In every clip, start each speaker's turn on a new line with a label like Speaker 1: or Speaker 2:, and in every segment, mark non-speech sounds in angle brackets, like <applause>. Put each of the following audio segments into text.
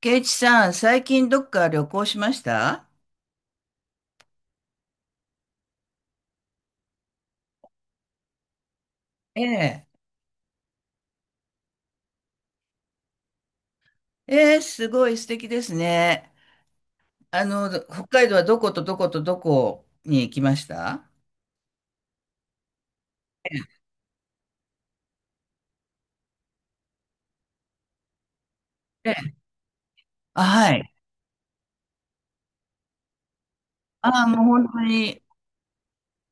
Speaker 1: ケイチさん、最近どっか旅行しました？ええ。ええ、すごい素敵ですね。あの、北海道はどことどことどこに行きました？ええ。あ、はい。ああ、もう本当に、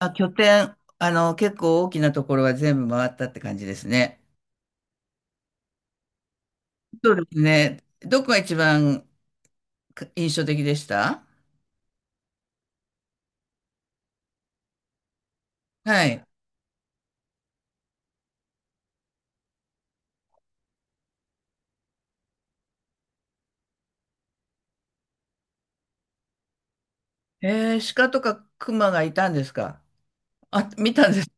Speaker 1: あ、拠点、あの、結構大きなところは全部回ったって感じですね。そうですね。どこが一番か印象的でした？はい。ええ、鹿とか熊がいたんですか？あ、見たんです。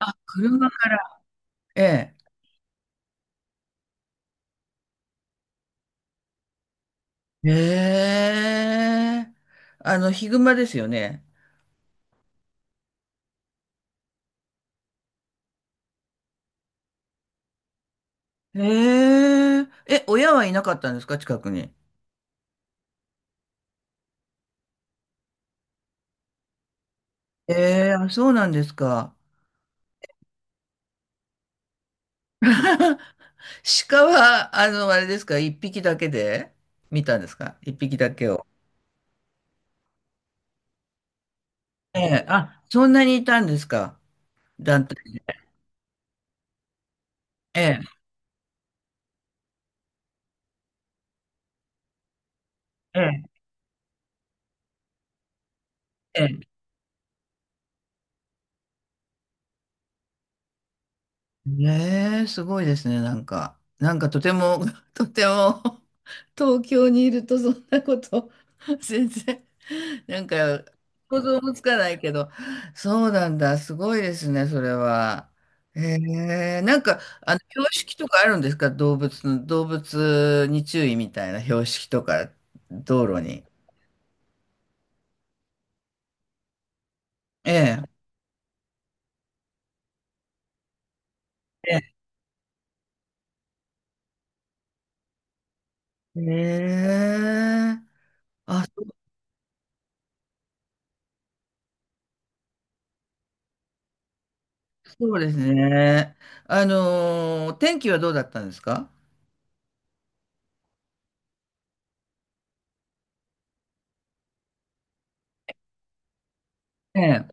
Speaker 1: あ、車から。ええ。ええ。あの、ヒグマですよね。え。ええ、親はいなかったんですか、近くに？ええ。あ、そうなんですか。<laughs> 鹿は、あの、あれですか、一匹だけで見たんですか、一匹だけを？ええ。あ、そんなにいたんですか？団体。ええ、ええ、ええ。ねえ、すごいですね、なんか。なんかとても、<laughs> とても、<laughs> 東京にいるとそんなこと、<laughs> 全然、なんか、想像もつかないけど、そうなんだ、すごいですね、それは。へえ。なんか、あの、標識とかあるんですか？動物の、動物に注意みたいな標識とか、道路に。ええ。ええ。ええ。あ、そうですね。天気はどうだったんですか？ええ。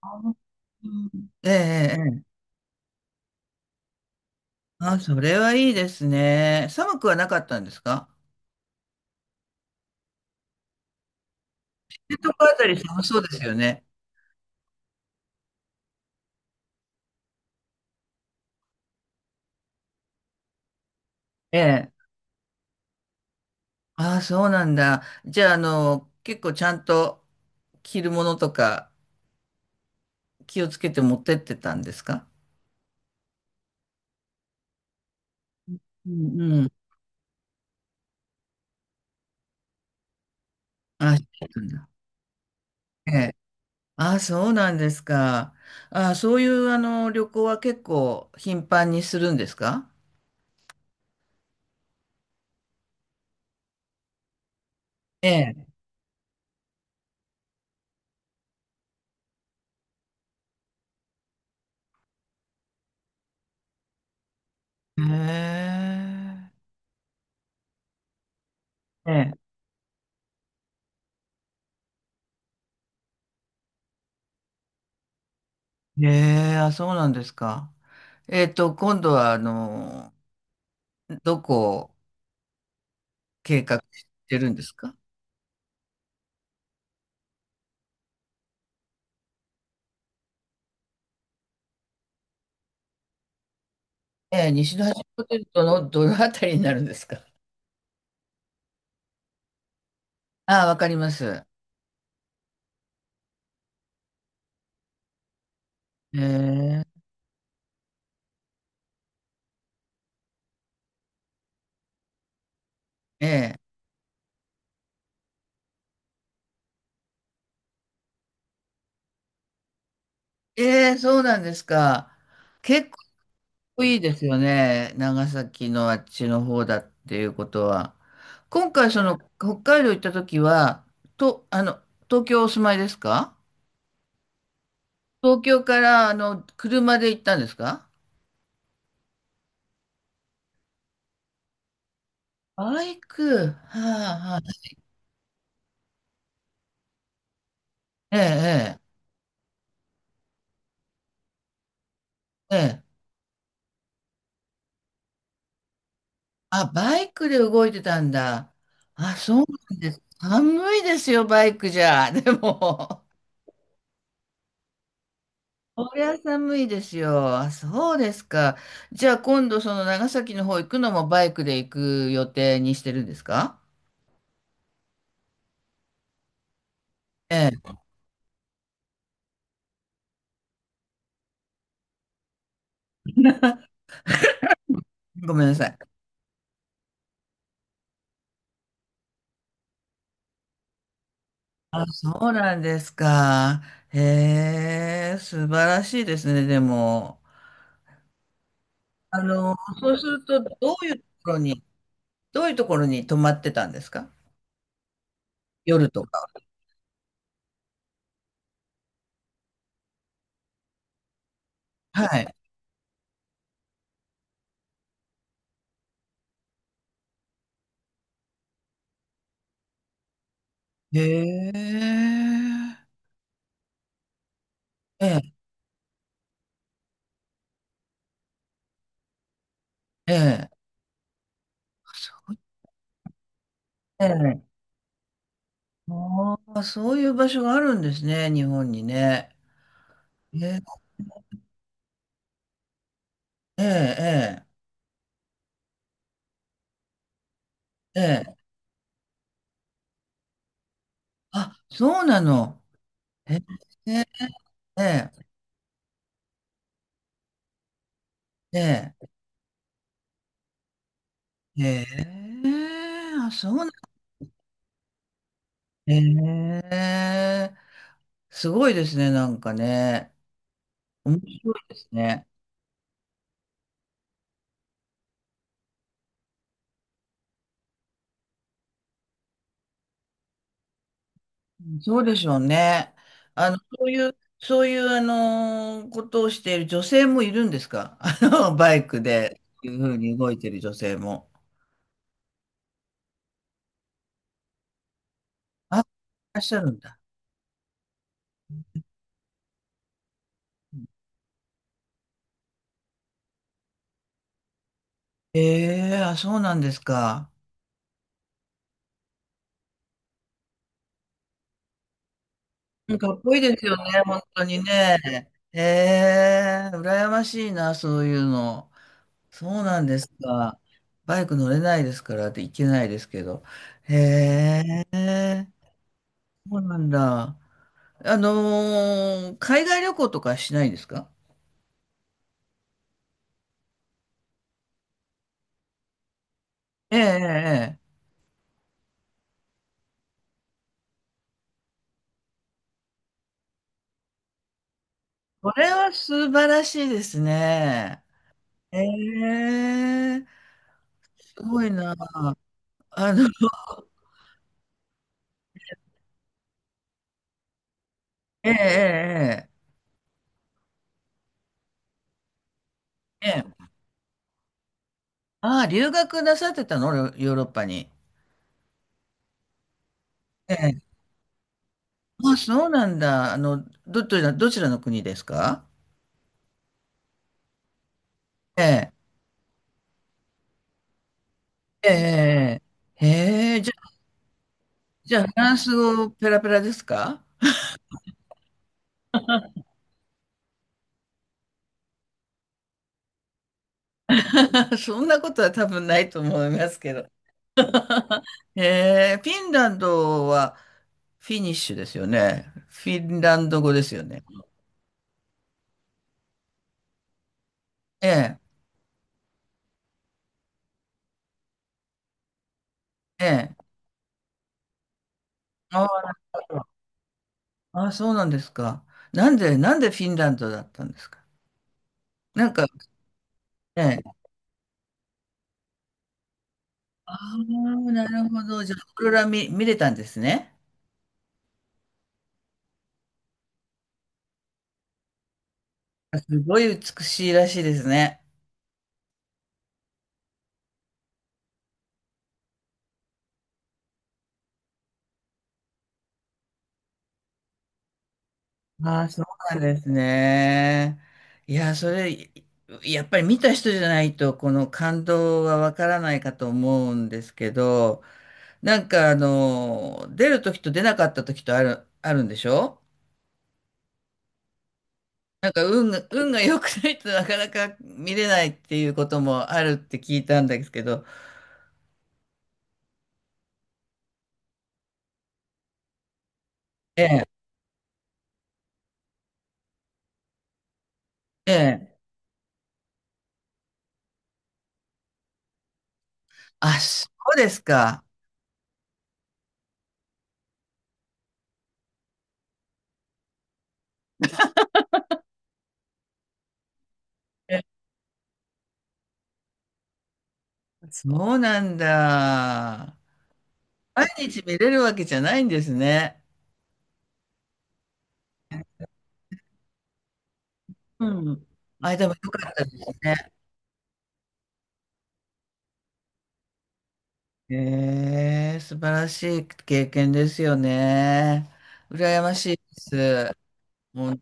Speaker 1: あ、うん。ええ、ええ。ええ。あ、それはいいですね。寒くはなかったんですか？えとこあたり寒そうですよね。ええ。ああ、そうなんだ。じゃあ、あの、結構ちゃんと着るものとか気をつけて持ってってたんですか？うん、うん。あ、そうなんだ。ええ。ああ、そうなんですか。ああ、そういう、あの、旅行は結構頻繁にするんですか？ええ。へえ。ええ。え。あ、そうなんですか。今度は、あの、どこを計画してるんですか？ええ、西の端ホテルとのどのあたりになるんですか？ああ、わかります。ええ、ええ、ええ、そうなんですか。結構いいですよね。長崎のあっちの方だっていうことは。今回、その、北海道行った時は、と、あの、東京お住まいですか？東京からあの車で行ったんですか？バイク、はあ。はあ、ええ、ええ、ええ。あ、バイクで動いてたんだ。あ、そうなんです。寒いですよ、バイクじゃ。でも、こりゃ寒いですよ。あ、そうですか。じゃあ今度その長崎の方行くのもバイクで行く予定にしてるんですか？ええ、ごめんなさい。あ、そうなんですか。へえ、素晴らしいですね、でも。あの、そうすると、どういうところに、どういうところに泊まってたんですか？夜とか。はい。へえ。ええ、ええ、ええ。ああ、そういう場所があるんですね、日本にね。ええ、ええ、ええ。ええ。あ、そうなの。ええ、ええ、ええ。ええ、あ、そうなの。ええ、すごいですね、なんかね。面白いですね。そうでしょうね。あの、そういう、そういう、あのことをしている女性もいるんですか？ <laughs> あの、バイクで、いうふうに動いている女性も。あ、いらっしゃるんだ。ええ。あ、そうなんですか。かっこいいですよね、本当にね。ええ。羨ましいな、そういうの。そうなんですか。バイク乗れないですからって行けないですけど。へえ、そうなんだ。海外旅行とかしないですか？ええ、ええ、ええ。これは素晴らしいですね。ええ、すごいな。あの、<laughs> ええ、ええ、ええ。ええ。ああ、留学なさってたの、ヨヨーロッパに？ええ。あ、そうなんだ。あの、どちらの国ですか？ええ、ええ、ええ。へえ、じゃあ、フランス語ペラペラですか？ <laughs> そんなことは多分ないと思いますけど。ええ、フィンランドは、フィニッシュですよね。フィンランド語ですよね。ええ、ええ。ああ、そうなんですか。なんでフィンランドだったんですか。なんか、ええ。ああ、なるほど。じゃあ、オーロラ見れたんですね。すごい美しいらしいですね。ああ、そうなんですね。いや、それ、やっぱり見た人じゃないと、この感動はわからないかと思うんですけど、なんかあの、出る時と出なかった時とあるんでしょ？なんか運が良くないと <laughs> なかなか見れないっていうこともあるって聞いたんですけど。ええ、ええ。あ、そうですか。ええ。そうなんだ。毎日見れるわけじゃないんですね。うん。あ、でも良かったですね。ええ、素晴らしい経験ですよね。羨ましいです。もう